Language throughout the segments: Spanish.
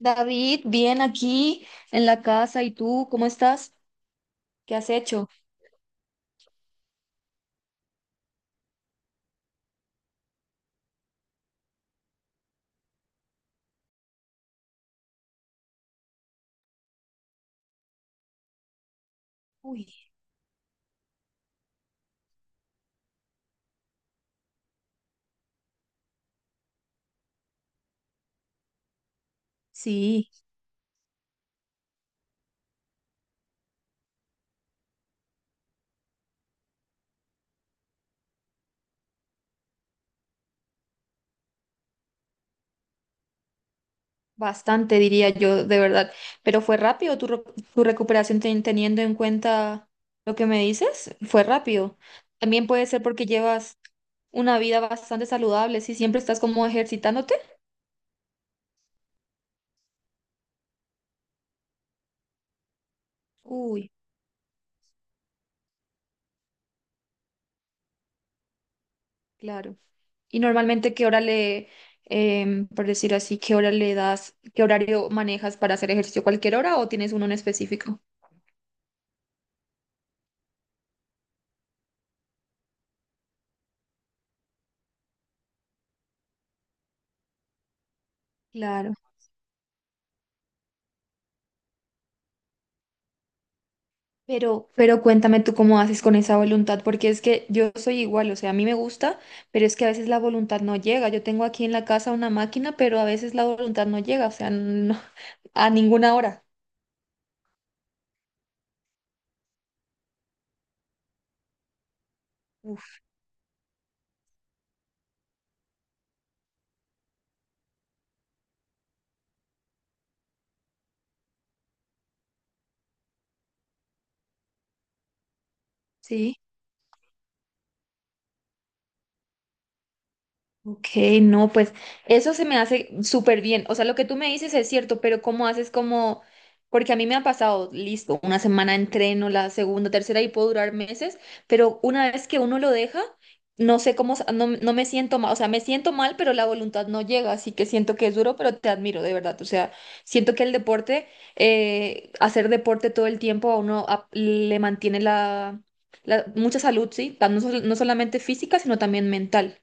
David, bien aquí en la casa. ¿Y tú cómo estás? ¿Qué has hecho? Uy, sí. Bastante, diría yo, de verdad. Pero fue rápido tu recuperación teniendo en cuenta lo que me dices. Fue rápido. También puede ser porque llevas una vida bastante saludable, si siempre estás como ejercitándote. Uy, claro. ¿Y normalmente qué hora le, em, por decir así, qué hora le das, qué horario manejas para hacer ejercicio? ¿Cualquier hora o tienes uno en específico? Claro. Pero cuéntame tú cómo haces con esa voluntad, porque es que yo soy igual, o sea, a mí me gusta, pero es que a veces la voluntad no llega. Yo tengo aquí en la casa una máquina, pero a veces la voluntad no llega, o sea, no, a ninguna hora. Uf, sí. Ok, no, pues eso se me hace súper bien. O sea, lo que tú me dices es cierto, pero ¿cómo haces como...? Porque a mí me ha pasado, listo, una semana entreno, la segunda, tercera y puedo durar meses, pero una vez que uno lo deja, no sé cómo, no, no me siento mal, o sea, me siento mal, pero la voluntad no llega, así que siento que es duro, pero te admiro, de verdad. O sea, siento que el deporte, hacer deporte todo el tiempo a uno le mantiene mucha salud, ¿sí? No solamente física, sino también mental.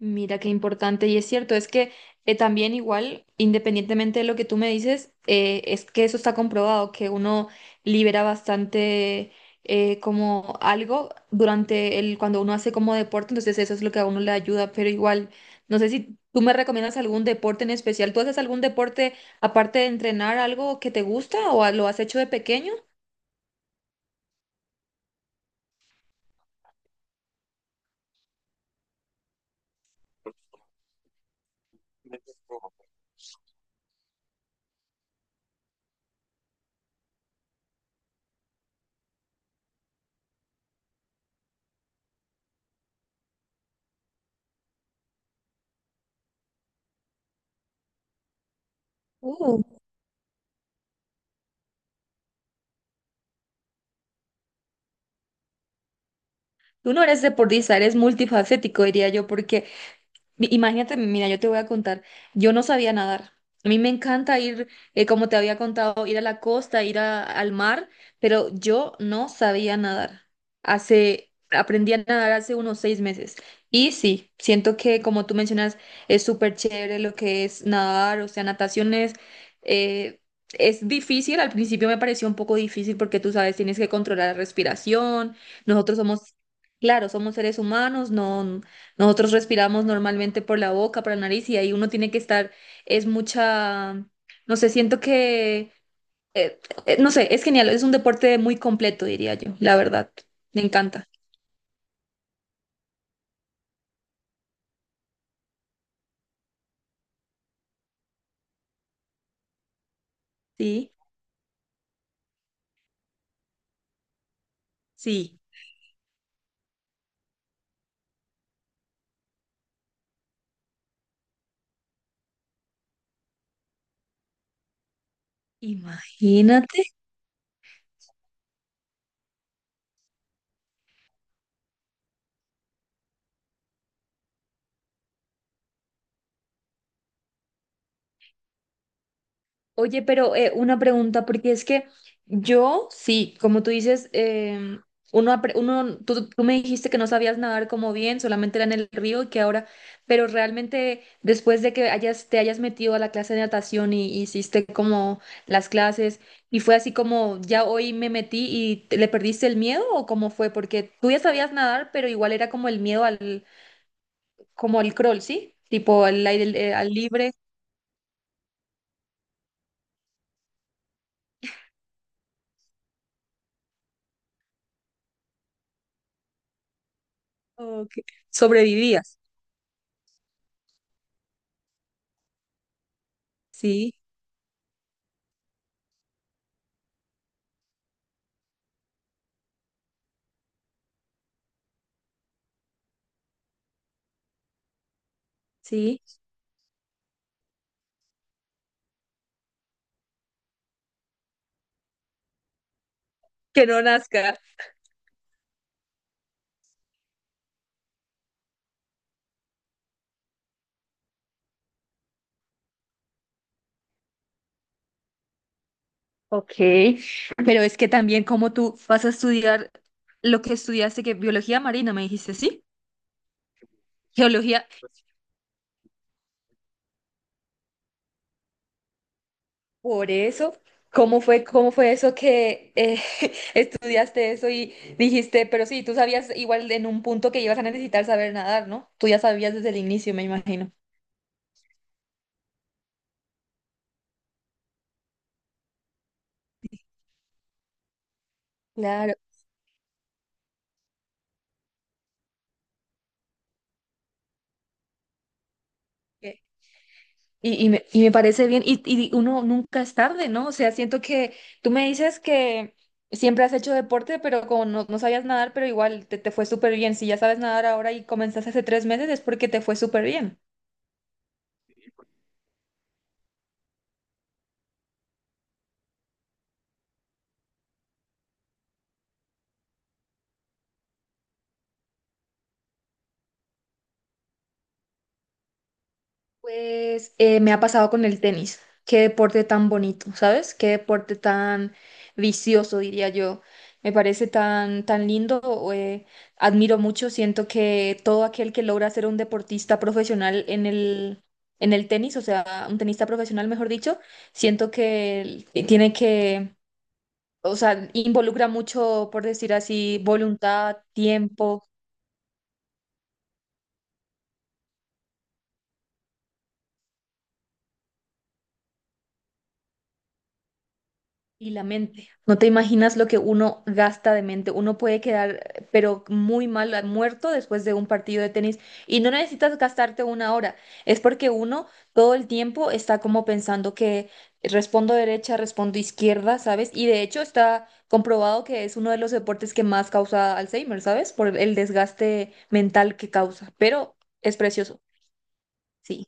Mira qué importante y es cierto, es que también igual, independientemente de lo que tú me dices, es que eso está comprobado, que uno libera bastante como algo durante el, cuando uno hace como deporte, entonces eso es lo que a uno le ayuda, pero igual, no sé si tú me recomiendas algún deporte en especial, ¿tú haces algún deporte aparte de entrenar algo que te gusta o lo has hecho de pequeño? Uh. Tú no eres deportista, eres multifacético, diría yo. Imagínate, mira, yo te voy a contar, yo no sabía nadar. A mí me encanta ir, como te había contado, ir a la costa, ir al mar, pero yo no sabía nadar. Hace, aprendí a nadar hace unos 6 meses. Y sí, siento que, como tú mencionas, es súper chévere lo que es nadar, o sea, natación eh, es difícil. Al principio me pareció un poco difícil porque tú sabes, tienes que controlar la respiración. Nosotros somos... Claro, somos seres humanos, no, nosotros respiramos normalmente por la boca, por la nariz y ahí uno tiene que estar, es mucha, no sé, siento que, eh, no sé, es genial, es un deporte muy completo, diría yo, la verdad, me encanta. Sí, sí, imagínate. Oye, pero una pregunta, porque es que yo, sí, como tú dices, uno, tú, tú me dijiste que no sabías nadar como bien, solamente era en el río y que ahora, pero realmente después de que hayas, te hayas metido a la clase de natación y hiciste como las clases y fue así como ya hoy me metí y le perdiste el miedo o cómo fue, porque tú ya sabías nadar, pero igual era como el miedo al, como al crawl, ¿sí? Tipo al aire, al libre, o que sobrevivías, sí, sí, que no nazca. Ok, pero es que también como tú vas a estudiar lo que estudiaste, que biología marina, me dijiste, ¿sí? Geología. Por eso, cómo fue eso que estudiaste eso y dijiste, pero sí, tú sabías igual en un punto que ibas a necesitar saber nadar, ¿no? Tú ya sabías desde el inicio, me imagino. Claro. Ok. Y me parece bien, y uno nunca es tarde, ¿no? O sea, siento que tú me dices que siempre has hecho deporte, pero como no, no sabías nadar, pero igual te fue súper bien. Si ya sabes nadar ahora y comenzaste hace 3 meses, es porque te fue súper bien. Pues me ha pasado con el tenis. Qué deporte tan bonito, ¿sabes? Qué deporte tan vicioso, diría yo. Me parece tan, tan lindo. O, admiro mucho. Siento que todo aquel que logra ser un deportista profesional en el tenis, o sea, un tenista profesional, mejor dicho, siento que tiene que, o sea, involucra mucho, por decir así, voluntad, tiempo. Y la mente. No te imaginas lo que uno gasta de mente. Uno puede quedar, pero muy mal, muerto después de un partido de tenis. Y no necesitas gastarte una hora. Es porque uno todo el tiempo está como pensando que respondo derecha, respondo izquierda, ¿sabes? Y de hecho está comprobado que es uno de los deportes que más causa Alzheimer, ¿sabes? Por el desgaste mental que causa. Pero es precioso. Sí,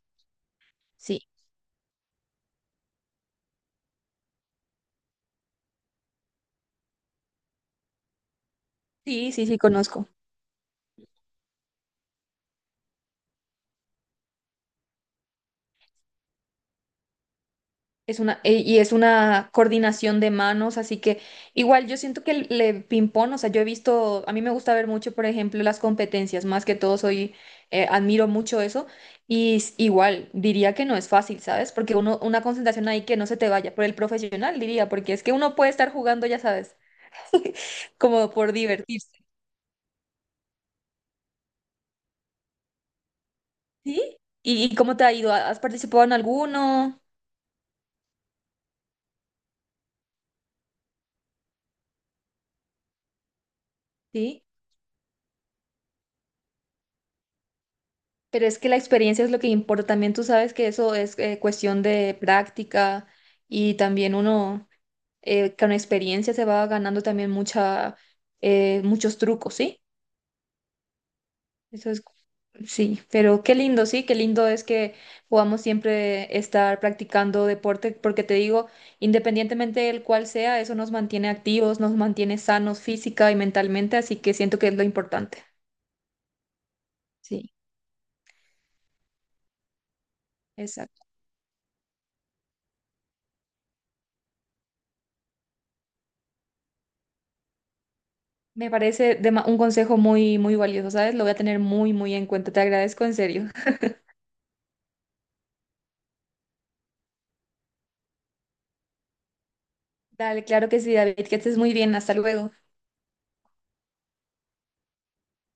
sí, sí, sí, sí, conozco. Es una, y es una coordinación de manos, así que igual yo siento que le ping-pong, o sea, yo he visto, a mí me gusta ver mucho, por ejemplo, las competencias, más que todo soy, admiro mucho eso, y igual diría que no es fácil, ¿sabes? Porque uno, una concentración ahí que no se te vaya, por el profesional diría, porque es que uno puede estar jugando, ya sabes, como por divertirse, ¿sí? Y cómo te ha ido? ¿Has participado en alguno? ¿Sí? Pero es que la experiencia es lo que importa. También tú sabes que eso es cuestión de práctica y también uno con experiencia se va ganando también mucha, muchos trucos, ¿sí? Eso es, sí, pero qué lindo, sí, qué lindo es que podamos siempre estar practicando deporte, porque te digo, independientemente del cual sea, eso nos mantiene activos, nos mantiene sanos física y mentalmente, así que siento que es lo importante. Sí, exacto. Un consejo muy, muy valioso, ¿sabes? Lo voy a tener muy, muy en cuenta. Te agradezco en serio. Dale, claro que sí, David, que estés muy bien. Hasta luego.